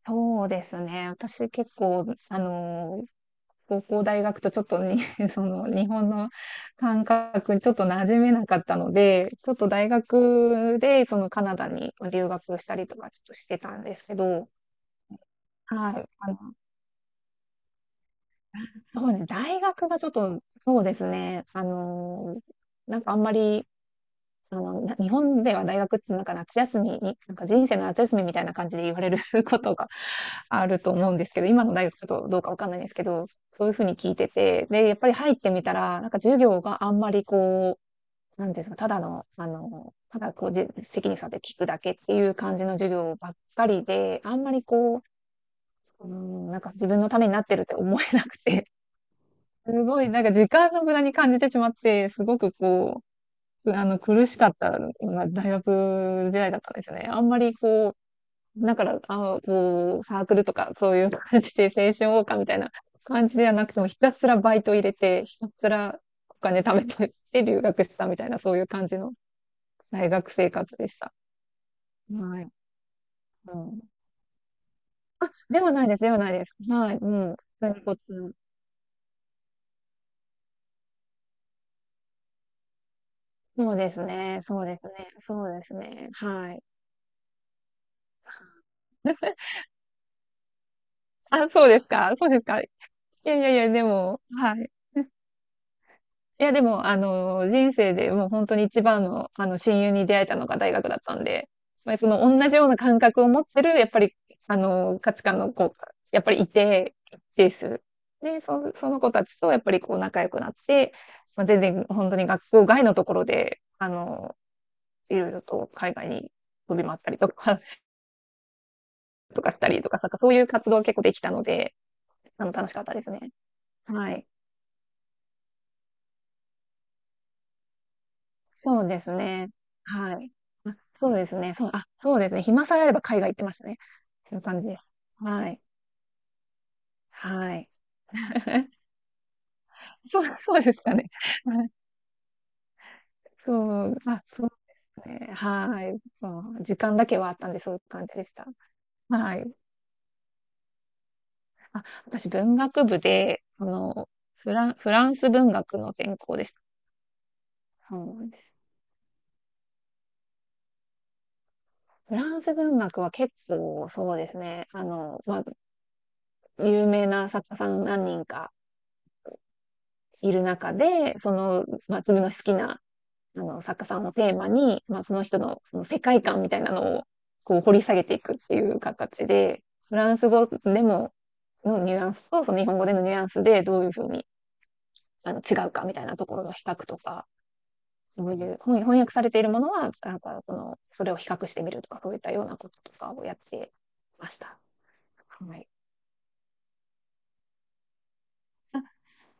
そうですね。私結構、高校大学とちょっとに、その日本の感覚にちょっと馴染めなかったので、ちょっと大学でそのカナダに留学したりとかちょっとしてたんですけど、はい、そうですね。大学がちょっと、そうですね。あのなんかあんまり、あの、な日本では大学ってなんか夏休みに、なんか人生の夏休みみたいな感じで言われる ことがあると思うんですけど、今の大学ちょっとどうかわかんないんですけど、そういうふうに聞いてて、で、やっぱり入ってみたら、なんか授業があんまりなんていうんですか、ただの、ただこう、責任って聞くだけっていう感じの授業ばっかりで、あんまりこう、うん、なんか自分のためになってるって思えなくて、すごいなんか時間の無駄に感じてしまって、すごくこう、あの苦しかった、まあ、大学時代だったんですよね。あんまりこう、だから、サークルとか、そういう感じで、青春謳歌みたいな感じではなくても、ひたすらバイト入れて、ひたすらお金貯めて、で、留学したみたいな、そういう感じの大学生活でした。はい。うん。ではないです、ではないです。はい。うん。普通にこっちの。そうですね、そうですね、そうですね。はい。あ、そうですか、そうですか。いやいやいや、でも、はい。いや、でも、あの、人生でもう本当に一番の、あの、親友に出会えたのが大学だったんで、まあ、その同じような感覚を持ってる、やっぱり、あの、価値観の子が、やっぱりいて、一定数。で、その子たちと、やっぱりこう仲良くなって、まあ、全然本当に学校外のところで、あの、いろいろと海外に飛び回ったりとか、とかしたりとか、なんかそういう活動が結構できたので、あの、楽しかったですね。はい。そうですね。はい。そうですね。そうですね。暇さえあれば海外行ってましたね。そんな感じです。はい。はい。そう、そうですかね。はい。そそうですね。はい。そう時間だけはあったんで、そういう感じでした。はい。あ、私、文学部で、その、フランス文学の専攻でした。そうです。フランス文学は結構、そうですね。あの、まあ、有名な作家さん何人かいる中で、その、まあ、自分の好きなあの、作家さんをテーマに、まあ、その人のその世界観みたいなのをこう掘り下げていくっていう形で、フランス語でものニュアンスとその日本語でのニュアンスでどういうふうにあの違うかみたいなところの比較とか、そういう本翻訳されているものは、なんかその、それを比較してみるとか、そういったようなこととかをやってました。はい。あ、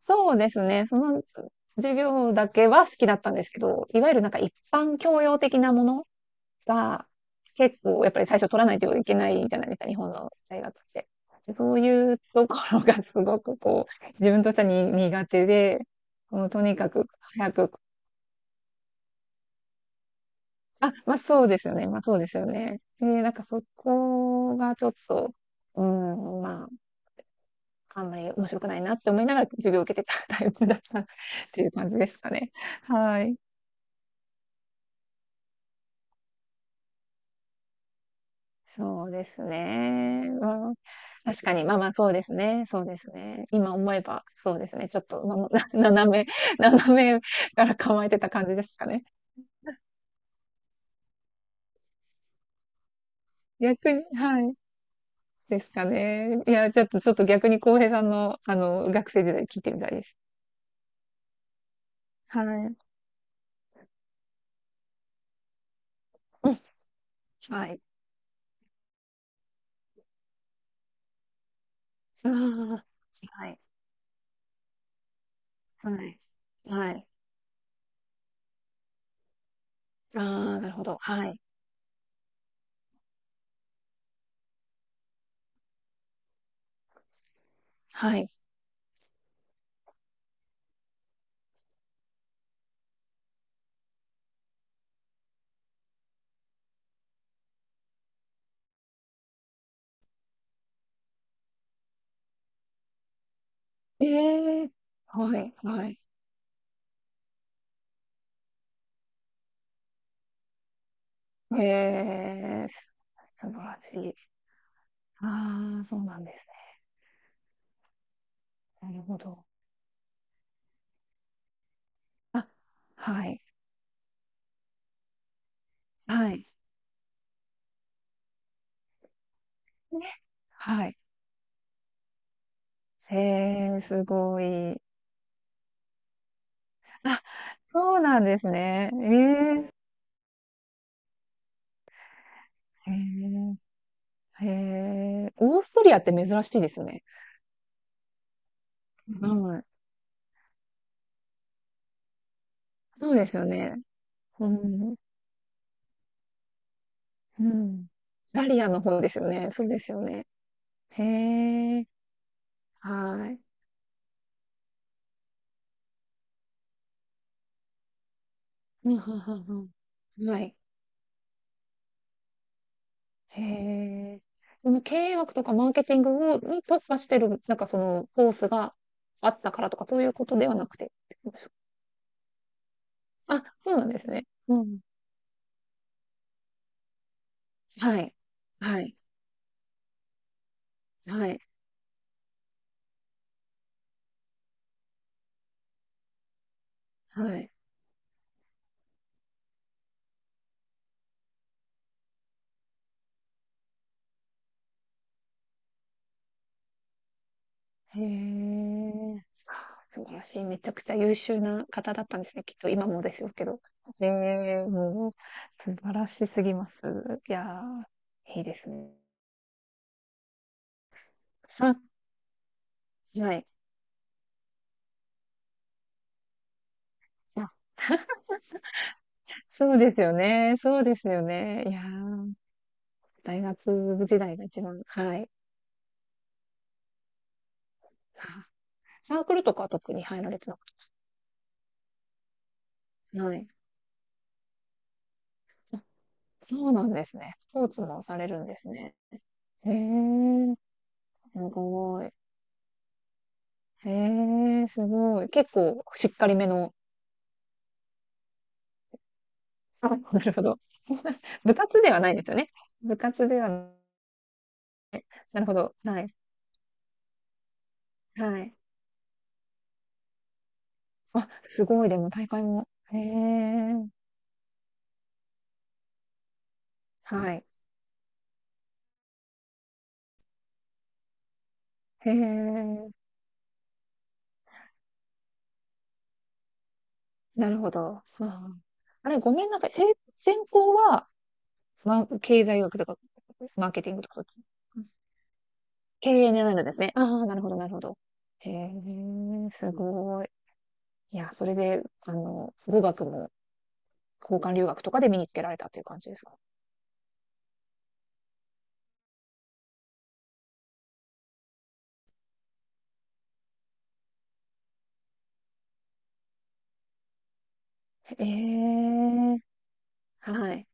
そうですね。その授業だけは好きだったんですけど、いわゆるなんか一般教養的なものが、結構やっぱり最初取らないといけないじゃないですか、日本の大学って。そういうところがすごくこう、自分としてはに苦手で、もうとにかく早く、あ、まあそうですよね、まあそうですよね。で、なんかそこがちょっと、うん、まあ、あんまり面白くないなって思いながら授業を受けてたタイプだったっていう感じですかね。はい。そうですね。うん、確かに、まあまあ、そうですね。そうですね。今思えば、そうですね。ちょっと、斜めから構えてた感じですかね。逆に、はい。ですかね。いや、ちょっと、ちょっと逆に浩平さんの、あの、学生時代聞いてみたいです。はい。うん。はい。ああ、はい。はい。はい。ああ、なるほど。はい。はい。ええ。はい。はい。ええ。素晴らしい。ああ、そうなんですね。なるほど。あ、はい。はい。ね。はい。へえ、すごい。あ、そうなんですね。ええ、へえ、へえ。オーストリアって珍しいですよね。はい。そうですよね。うん。うん。イタリアの方ですよね。そうですよね。へえ、はい。うん、うん、うん。うん。はい。へえ。その経営学とかマーケティングを、に特化してる、なんかそのコースがあったからとか、そういうことではなくて。あ、そうなんですね。うん。はい。はい。はい。はい。へえ。素晴らしい。めちゃくちゃ優秀な方だったんですね。きっと今もでしょうけど。ええ、もう、素晴らしすぎます。いやー、いいですね。さ、はい。あ、そうですよね。そうですよね。いやー、大学時代が一番、はい。あ、サークルとかは特に入られてなかった。はい。あ、そうなんですね。スポーツもされるんですね。へえ、すごい。へえ、すごい。結構しっかりめの。あ、なるほど。部活ではないですよね。部活ではな、なるほど。はい。はい。あ、すごい。でも大会も。へえ、はい。へえ、なるほど。あー、あれ、ごめんなさい。専攻は、ま、経済学とか、マーケティングとかそっち。経営になるんですね。ああ、なるほど、なるほど。へえ、すごい。いや、それで、あの、語学も交換留学とかで身につけられたっていう感じですか？ええ、はい。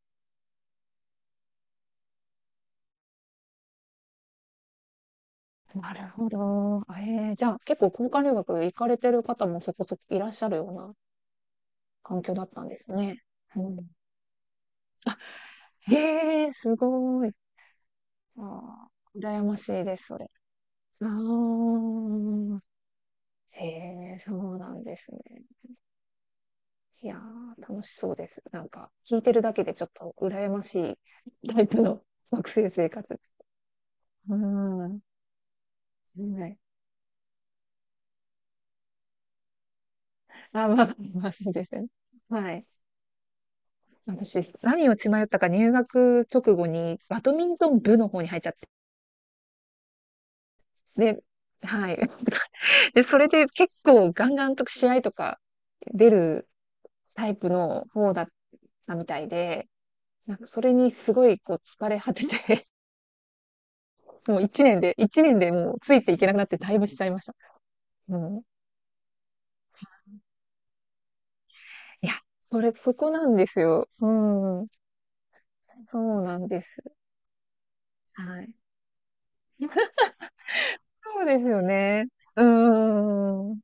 なるほど。あ、ええ、じゃあ、結構交換留学行かれてる方もそこそこいらっしゃるような環境だったんですね。うん。へえ、すごい。あー、羨ましいです、それ。ああ。へえ、そうなんですね。いやー、楽しそうです。なんか、聞いてるだけでちょっと羨ましいタイプの 学生生活。うん。はい。あ、わか ますですね。はい。私、何を血迷ったか入学直後にバドミントン部の方に入っちゃって。で、はい。で、それで結構ガンガンと試合とか出るタイプの方だったみたいで、なんかそれにすごいこう疲れ果てて、もう一年で、一年でもうついていけなくなってだいぶしちゃいました。うん。いや、それ、そこなんですよ。うん。そうなんです。はい。そうですよね。うーん。